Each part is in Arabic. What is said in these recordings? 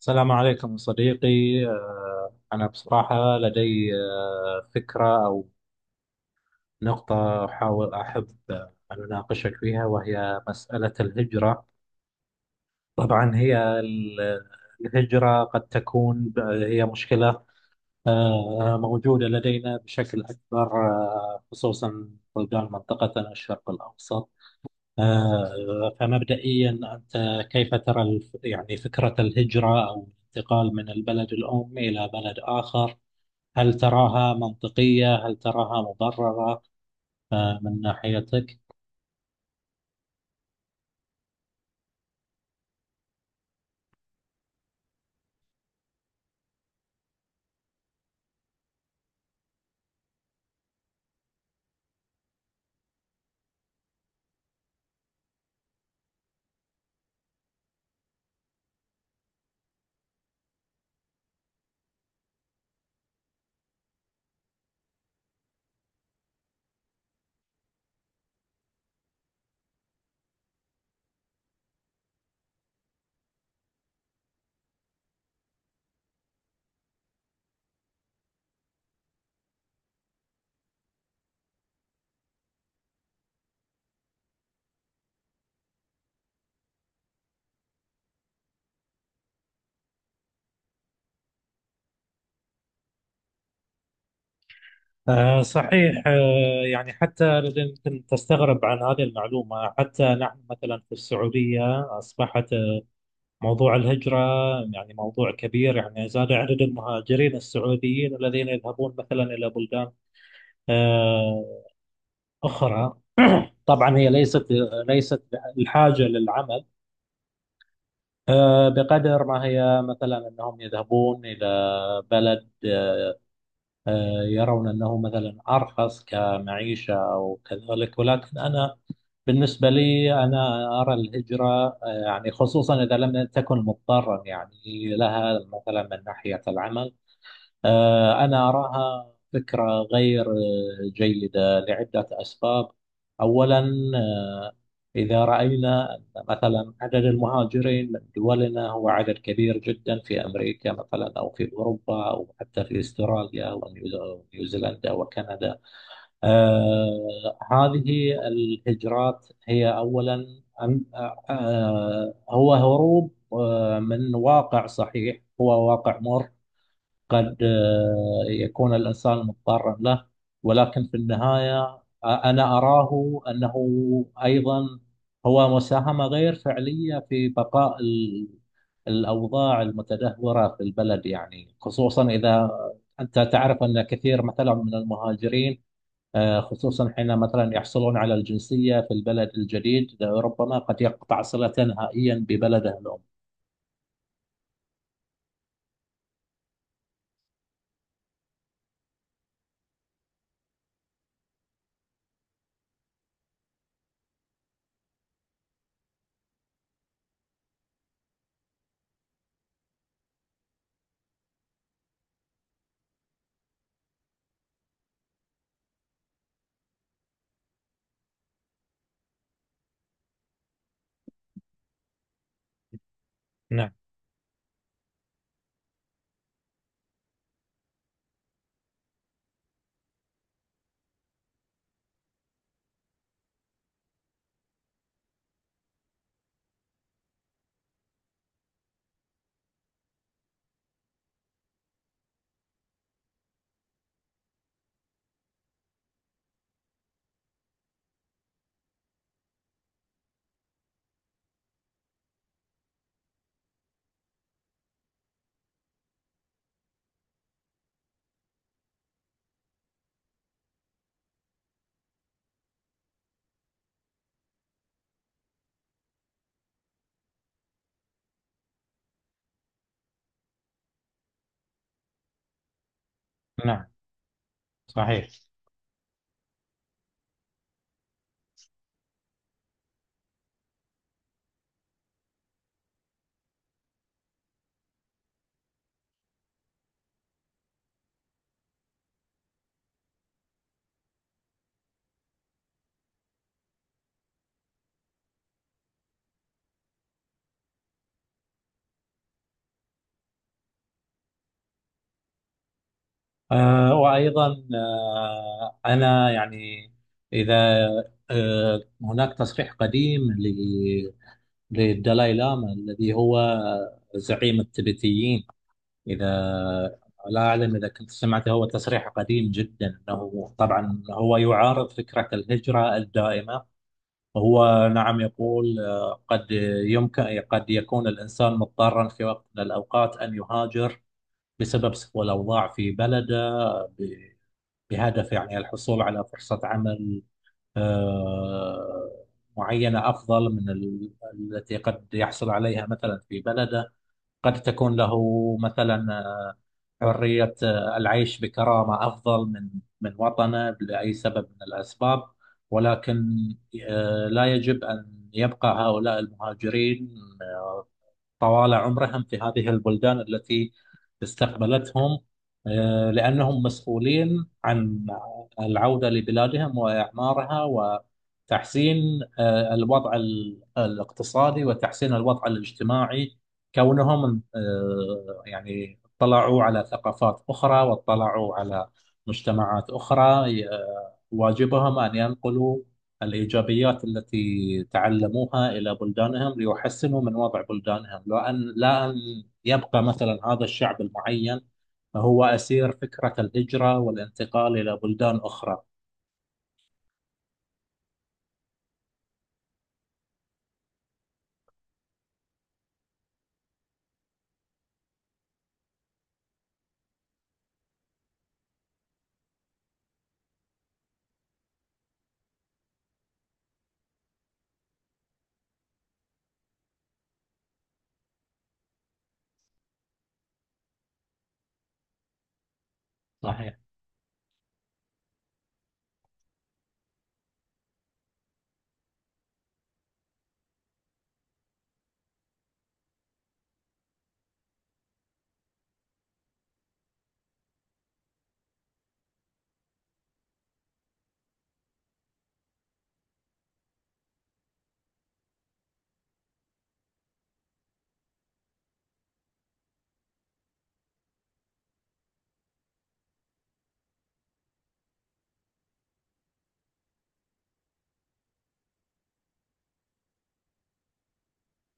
السلام عليكم صديقي. أنا بصراحة لدي فكرة أو نقطة أحاول أحب أن أناقشك فيها، وهي مسألة الهجرة. طبعا هي الهجرة قد تكون هي مشكلة موجودة لدينا بشكل أكبر، خصوصا بلدان منطقتنا الشرق الأوسط. فمبدئيا أنت كيف ترى يعني فكرة الهجرة أو الانتقال من البلد الأم إلى بلد آخر؟ هل تراها منطقية؟ هل تراها مبررة من ناحيتك؟ صحيح. يعني حتى يمكن تستغرب عن هذه المعلومة، حتى نحن مثلا في السعودية أصبحت موضوع الهجرة يعني موضوع كبير. يعني زاد عدد المهاجرين السعوديين الذين يذهبون مثلا إلى بلدان آه، أخرى. طبعا هي ليست الحاجة للعمل، بقدر ما هي مثلا أنهم يذهبون إلى بلد يرون أنه مثلا أرخص كمعيشة أو كذلك. ولكن أنا بالنسبة لي أنا أرى الهجرة، يعني خصوصا إذا لم تكن مضطرا يعني لها مثلا من ناحية العمل، أنا أراها فكرة غير جيدة لعدة أسباب. أولا، آه، إذا رأينا أن مثلا عدد المهاجرين من دولنا هو عدد كبير جدا في أمريكا مثلا أو في أوروبا أو حتى في أستراليا ونيوزيلندا وكندا، هذه الهجرات هي أولا هو هروب من واقع. صحيح هو واقع مر، قد يكون الإنسان مضطرا له، ولكن في النهاية أنا أراه أنه أيضا هو مساهمة غير فعلية في بقاء الأوضاع المتدهورة في البلد. يعني خصوصا إذا أنت تعرف أن كثير مثلا من المهاجرين، خصوصا حين مثلا يحصلون على الجنسية في البلد الجديد، ربما قد يقطع صلة نهائيا ببلده الأم. نعم. نعم. صحيح. وأيضا، أنا يعني إذا هناك تصريح قديم للدلاي لاما، الذي هو زعيم التبتيين. إذا لا أعلم إذا كنت سمعته، هو تصريح قديم جدا. أنه طبعا هو يعارض فكرة الهجرة الدائمة، وهو نعم يقول يمكن قد يكون الإنسان مضطرا في وقت من الأوقات أن يهاجر بسبب سوء الأوضاع في بلده، بهدف يعني الحصول على فرصة عمل آه، معينة أفضل من التي قد يحصل عليها مثلا في بلده. قد تكون له مثلا حرية العيش بكرامة أفضل من وطنه لأي سبب من الأسباب. ولكن لا يجب أن يبقى هؤلاء المهاجرين طوال عمرهم في هذه البلدان التي استقبلتهم، لأنهم مسؤولين عن العودة لبلادهم وإعمارها وتحسين الوضع الاقتصادي وتحسين الوضع الاجتماعي. كونهم يعني اطلعوا على ثقافات أخرى واطلعوا على مجتمعات أخرى، واجبهم أن ينقلوا الإيجابيات التي تعلموها إلى بلدانهم ليحسنوا من وضع بلدانهم، لو أن، لا أن يبقى مثلا هذا الشعب المعين هو أسير فكرة الهجرة والانتقال إلى بلدان أخرى. صحيح.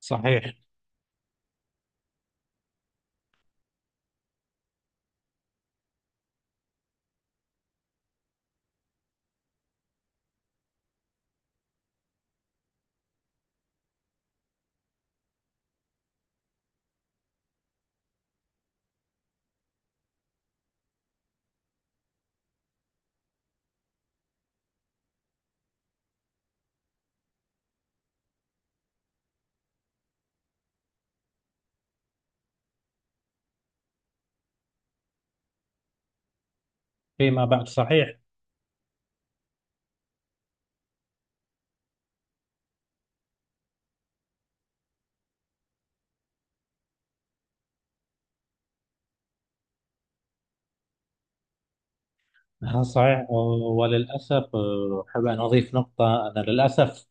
صحيح. فيما بعد. صحيح. ها، صحيح. وللأسف أحب أن أضيف نقطة، أن للأسف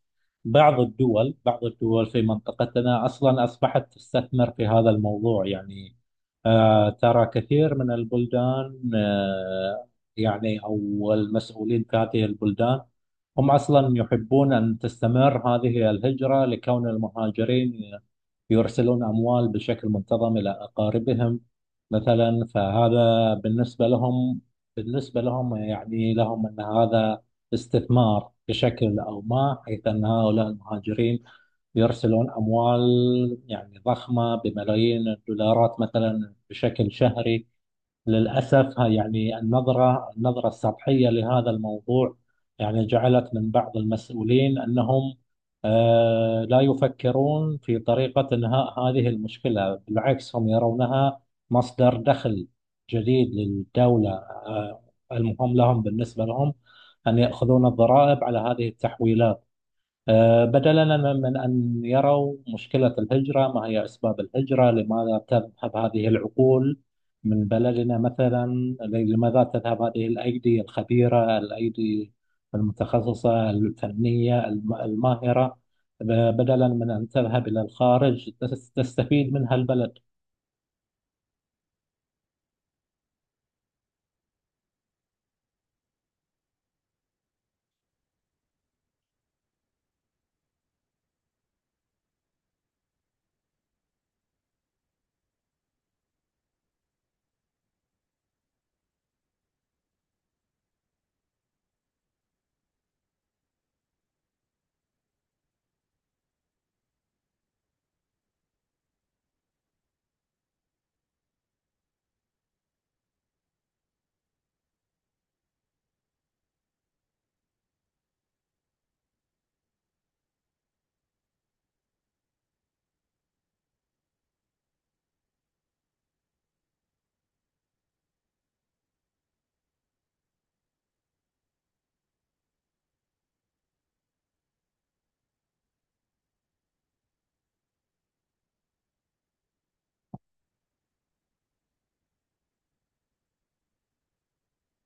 بعض الدول في منطقتنا أصلا أصبحت تستثمر في هذا الموضوع. يعني ترى كثير من البلدان، يعني أو المسؤولين في هذه البلدان، هم أصلا يحبون أن تستمر هذه الهجرة لكون المهاجرين يرسلون أموال بشكل منتظم إلى أقاربهم مثلا. فهذا بالنسبة لهم، بالنسبة لهم يعني لهم أن هذا استثمار بشكل أو ما، حيث أن هؤلاء المهاجرين يرسلون أموال يعني ضخمة بملايين الدولارات مثلا بشكل شهري. للأسف يعني النظرة السطحية لهذا الموضوع يعني جعلت من بعض المسؤولين أنهم لا يفكرون في طريقة إنهاء هذه المشكلة. بالعكس، هم يرونها مصدر دخل جديد للدولة. المهم لهم، بالنسبة لهم، أن يأخذون الضرائب على هذه التحويلات، بدلا من أن يروا مشكلة الهجرة، ما هي أسباب الهجرة، لماذا تذهب هذه العقول من بلدنا مثلا، لماذا تذهب هذه الأيدي الخبيرة، الأيدي المتخصصة الفنية الماهرة، بدلا من أن تذهب إلى الخارج تستفيد منها البلد.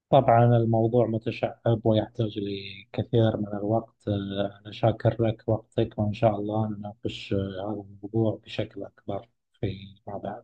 طبعا الموضوع متشعب ويحتاج لكثير من الوقت. أنا شاكر لك وقتك، وإن شاء الله نناقش هذا الموضوع بشكل أكبر فيما بعد.